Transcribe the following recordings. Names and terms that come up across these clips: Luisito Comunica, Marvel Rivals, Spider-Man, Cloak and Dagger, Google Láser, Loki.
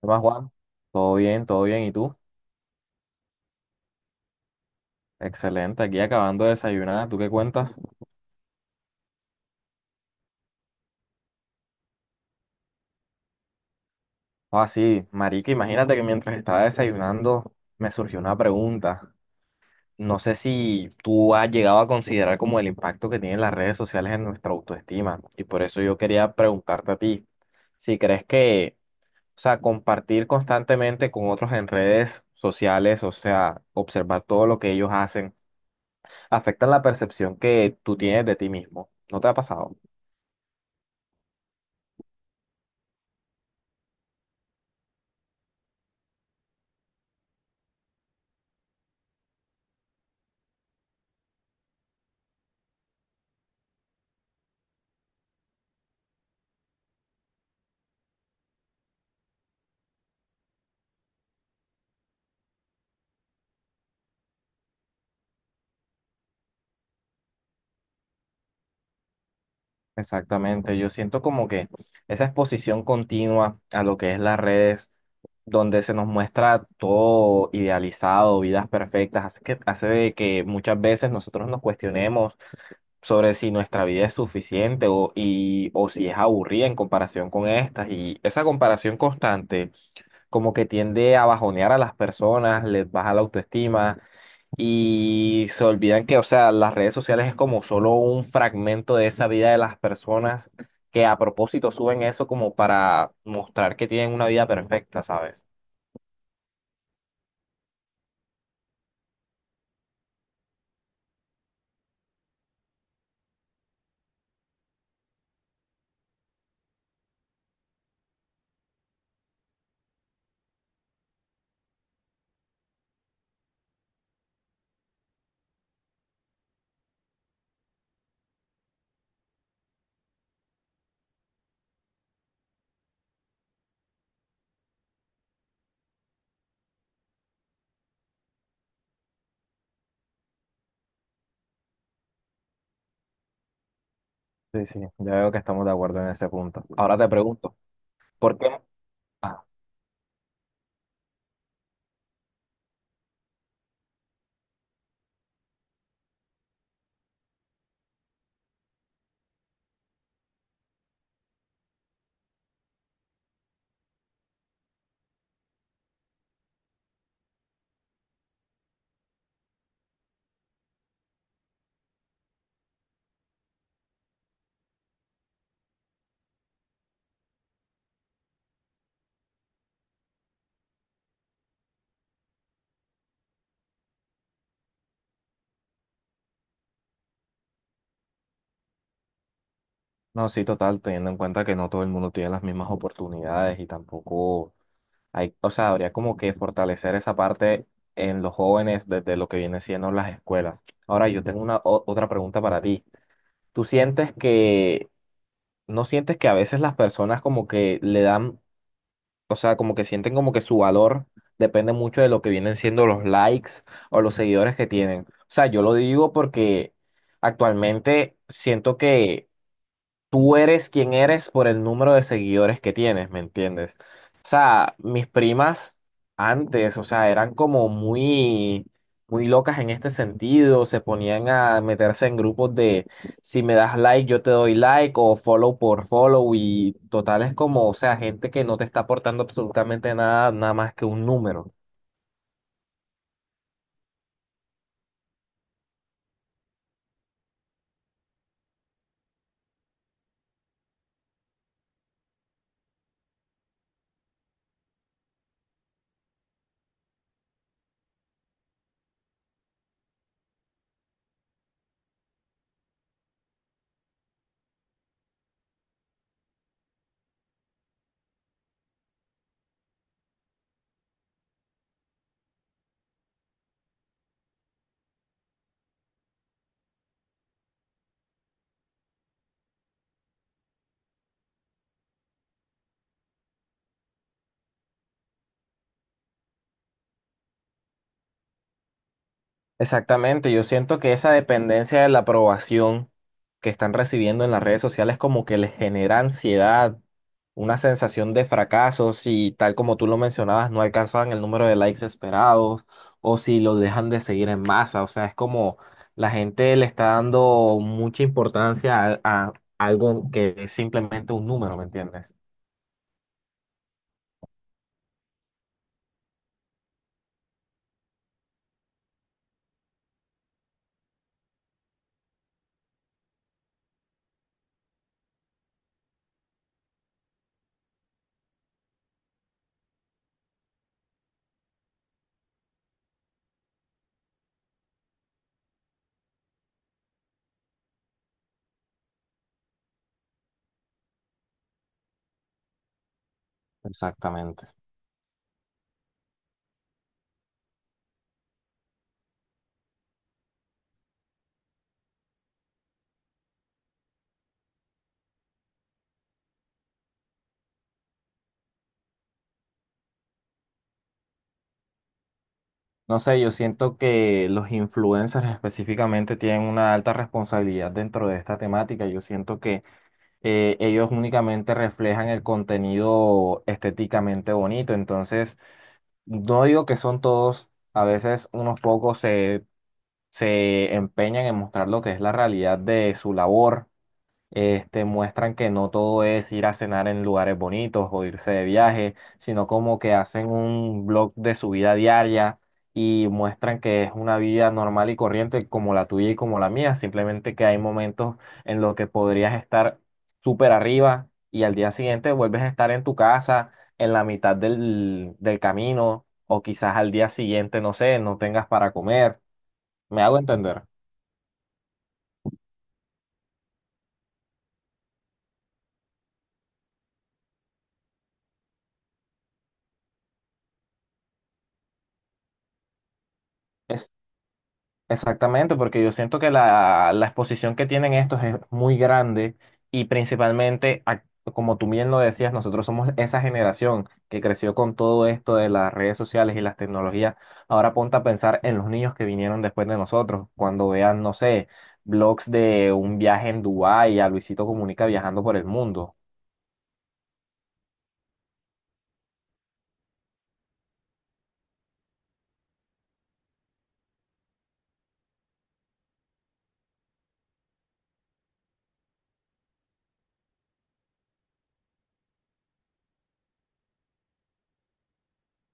¿Qué más, Juan? Todo bien, todo bien. ¿Y tú? Excelente. Aquí acabando de desayunar. ¿Tú qué cuentas? Ah, sí, marica, imagínate que mientras estaba desayunando me surgió una pregunta. No sé si tú has llegado a considerar como el impacto que tienen las redes sociales en nuestra autoestima. Y por eso yo quería preguntarte a ti, si crees que, o sea, compartir constantemente con otros en redes sociales, o sea, observar todo lo que ellos hacen, afecta la percepción que tú tienes de ti mismo. ¿No te ha pasado? Exactamente, yo siento como que esa exposición continua a lo que es las redes, donde se nos muestra todo idealizado, vidas perfectas, hace que, hace de que muchas veces nosotros nos cuestionemos sobre si nuestra vida es suficiente o, y, o si es aburrida en comparación con estas. Y esa comparación constante como que tiende a bajonear a las personas, les baja la autoestima y se olvidan que, o sea, las redes sociales es como solo un fragmento de esa vida de las personas que a propósito suben eso como para mostrar que tienen una vida perfecta, ¿sabes? Sí, sí, ya veo que estamos de acuerdo en ese punto. Ahora te pregunto, ¿por qué? Ah, no, sí, total, teniendo en cuenta que no todo el mundo tiene las mismas oportunidades y tampoco hay, o sea, habría como que fortalecer esa parte en los jóvenes desde lo que viene siendo las escuelas. Ahora, yo tengo otra pregunta para ti. ¿Tú sientes que ¿No sientes que a veces las personas como que le dan, o sea, como que sienten como que su valor depende mucho de lo que vienen siendo los likes o los seguidores que tienen? O sea, yo lo digo porque actualmente siento que tú eres quien eres por el número de seguidores que tienes, ¿me entiendes? O sea, mis primas antes, o sea, eran como muy, muy locas en este sentido, se ponían a meterse en grupos de si me das like, yo te doy like o follow por follow y total es como, o sea, gente que no te está aportando absolutamente nada, nada más que un número. Exactamente, yo siento que esa dependencia de la aprobación que están recibiendo en las redes sociales como que les genera ansiedad, una sensación de fracaso si tal como tú lo mencionabas no alcanzaban el número de likes esperados o si los dejan de seguir en masa, o sea, es como la gente le está dando mucha importancia a algo que es simplemente un número, ¿me entiendes? Exactamente. No sé, yo siento que los influencers específicamente tienen una alta responsabilidad dentro de esta temática. Yo siento que ellos únicamente reflejan el contenido estéticamente bonito. Entonces, no digo que son todos, a veces unos pocos se, se empeñan en mostrar lo que es la realidad de su labor este, muestran que no todo es ir a cenar en lugares bonitos o irse de viaje, sino como que hacen un blog de su vida diaria y muestran que es una vida normal y corriente como la tuya y como la mía, simplemente que hay momentos en los que podrías estar súper arriba y al día siguiente vuelves a estar en tu casa, en la mitad del, del camino o quizás al día siguiente, no sé, no tengas para comer. ¿Me hago entender? Exactamente, porque yo siento que la exposición que tienen estos es muy grande y principalmente, como tú bien lo decías, nosotros somos esa generación que creció con todo esto de las redes sociales y las tecnologías. Ahora ponte a pensar en los niños que vinieron después de nosotros, cuando vean, no sé, blogs de un viaje en Dubái a Luisito Comunica viajando por el mundo.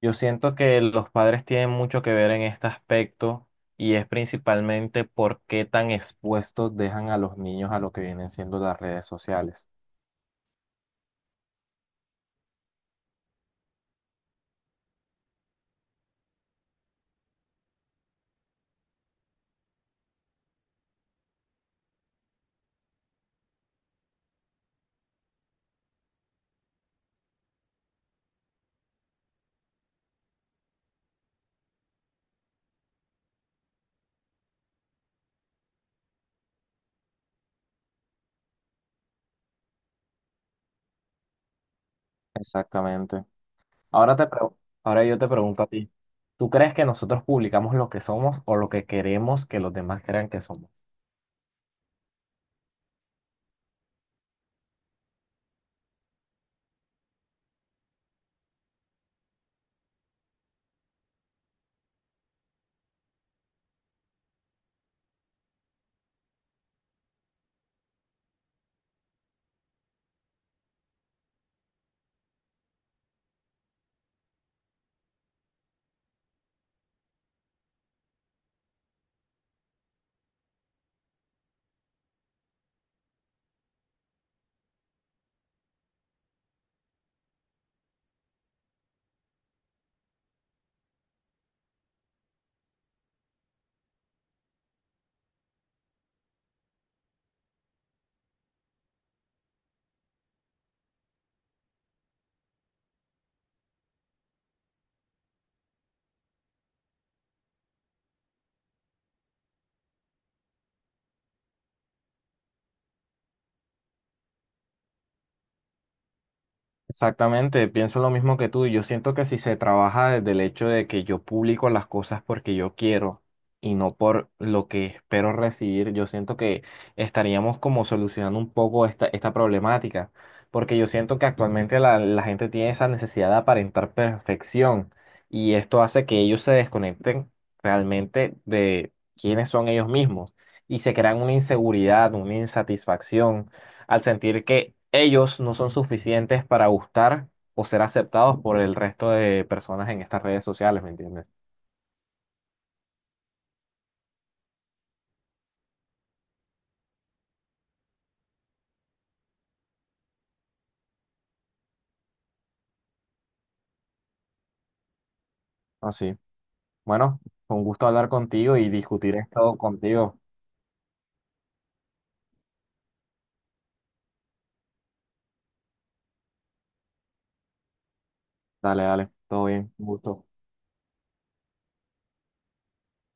Yo siento que los padres tienen mucho que ver en este aspecto y es principalmente por qué tan expuestos dejan a los niños a lo que vienen siendo las redes sociales. Exactamente. Ahora te pregu- ahora yo te pregunto a ti, ¿tú crees que nosotros publicamos lo que somos o lo que queremos que los demás crean que somos? Exactamente, pienso lo mismo que tú. Yo siento que si se trabaja desde el hecho de que yo publico las cosas porque yo quiero y no por lo que espero recibir, yo siento que estaríamos como solucionando un poco esta, esta problemática, porque yo siento que actualmente la, la gente tiene esa necesidad de aparentar perfección y esto hace que ellos se desconecten realmente de quiénes son ellos mismos y se crean una inseguridad, una insatisfacción al sentir que ellos no son suficientes para gustar o ser aceptados por el resto de personas en estas redes sociales, ¿me entiendes? Así. Bueno, fue un gusto hablar contigo y discutir esto contigo. Dale, dale, todo bien, un gusto.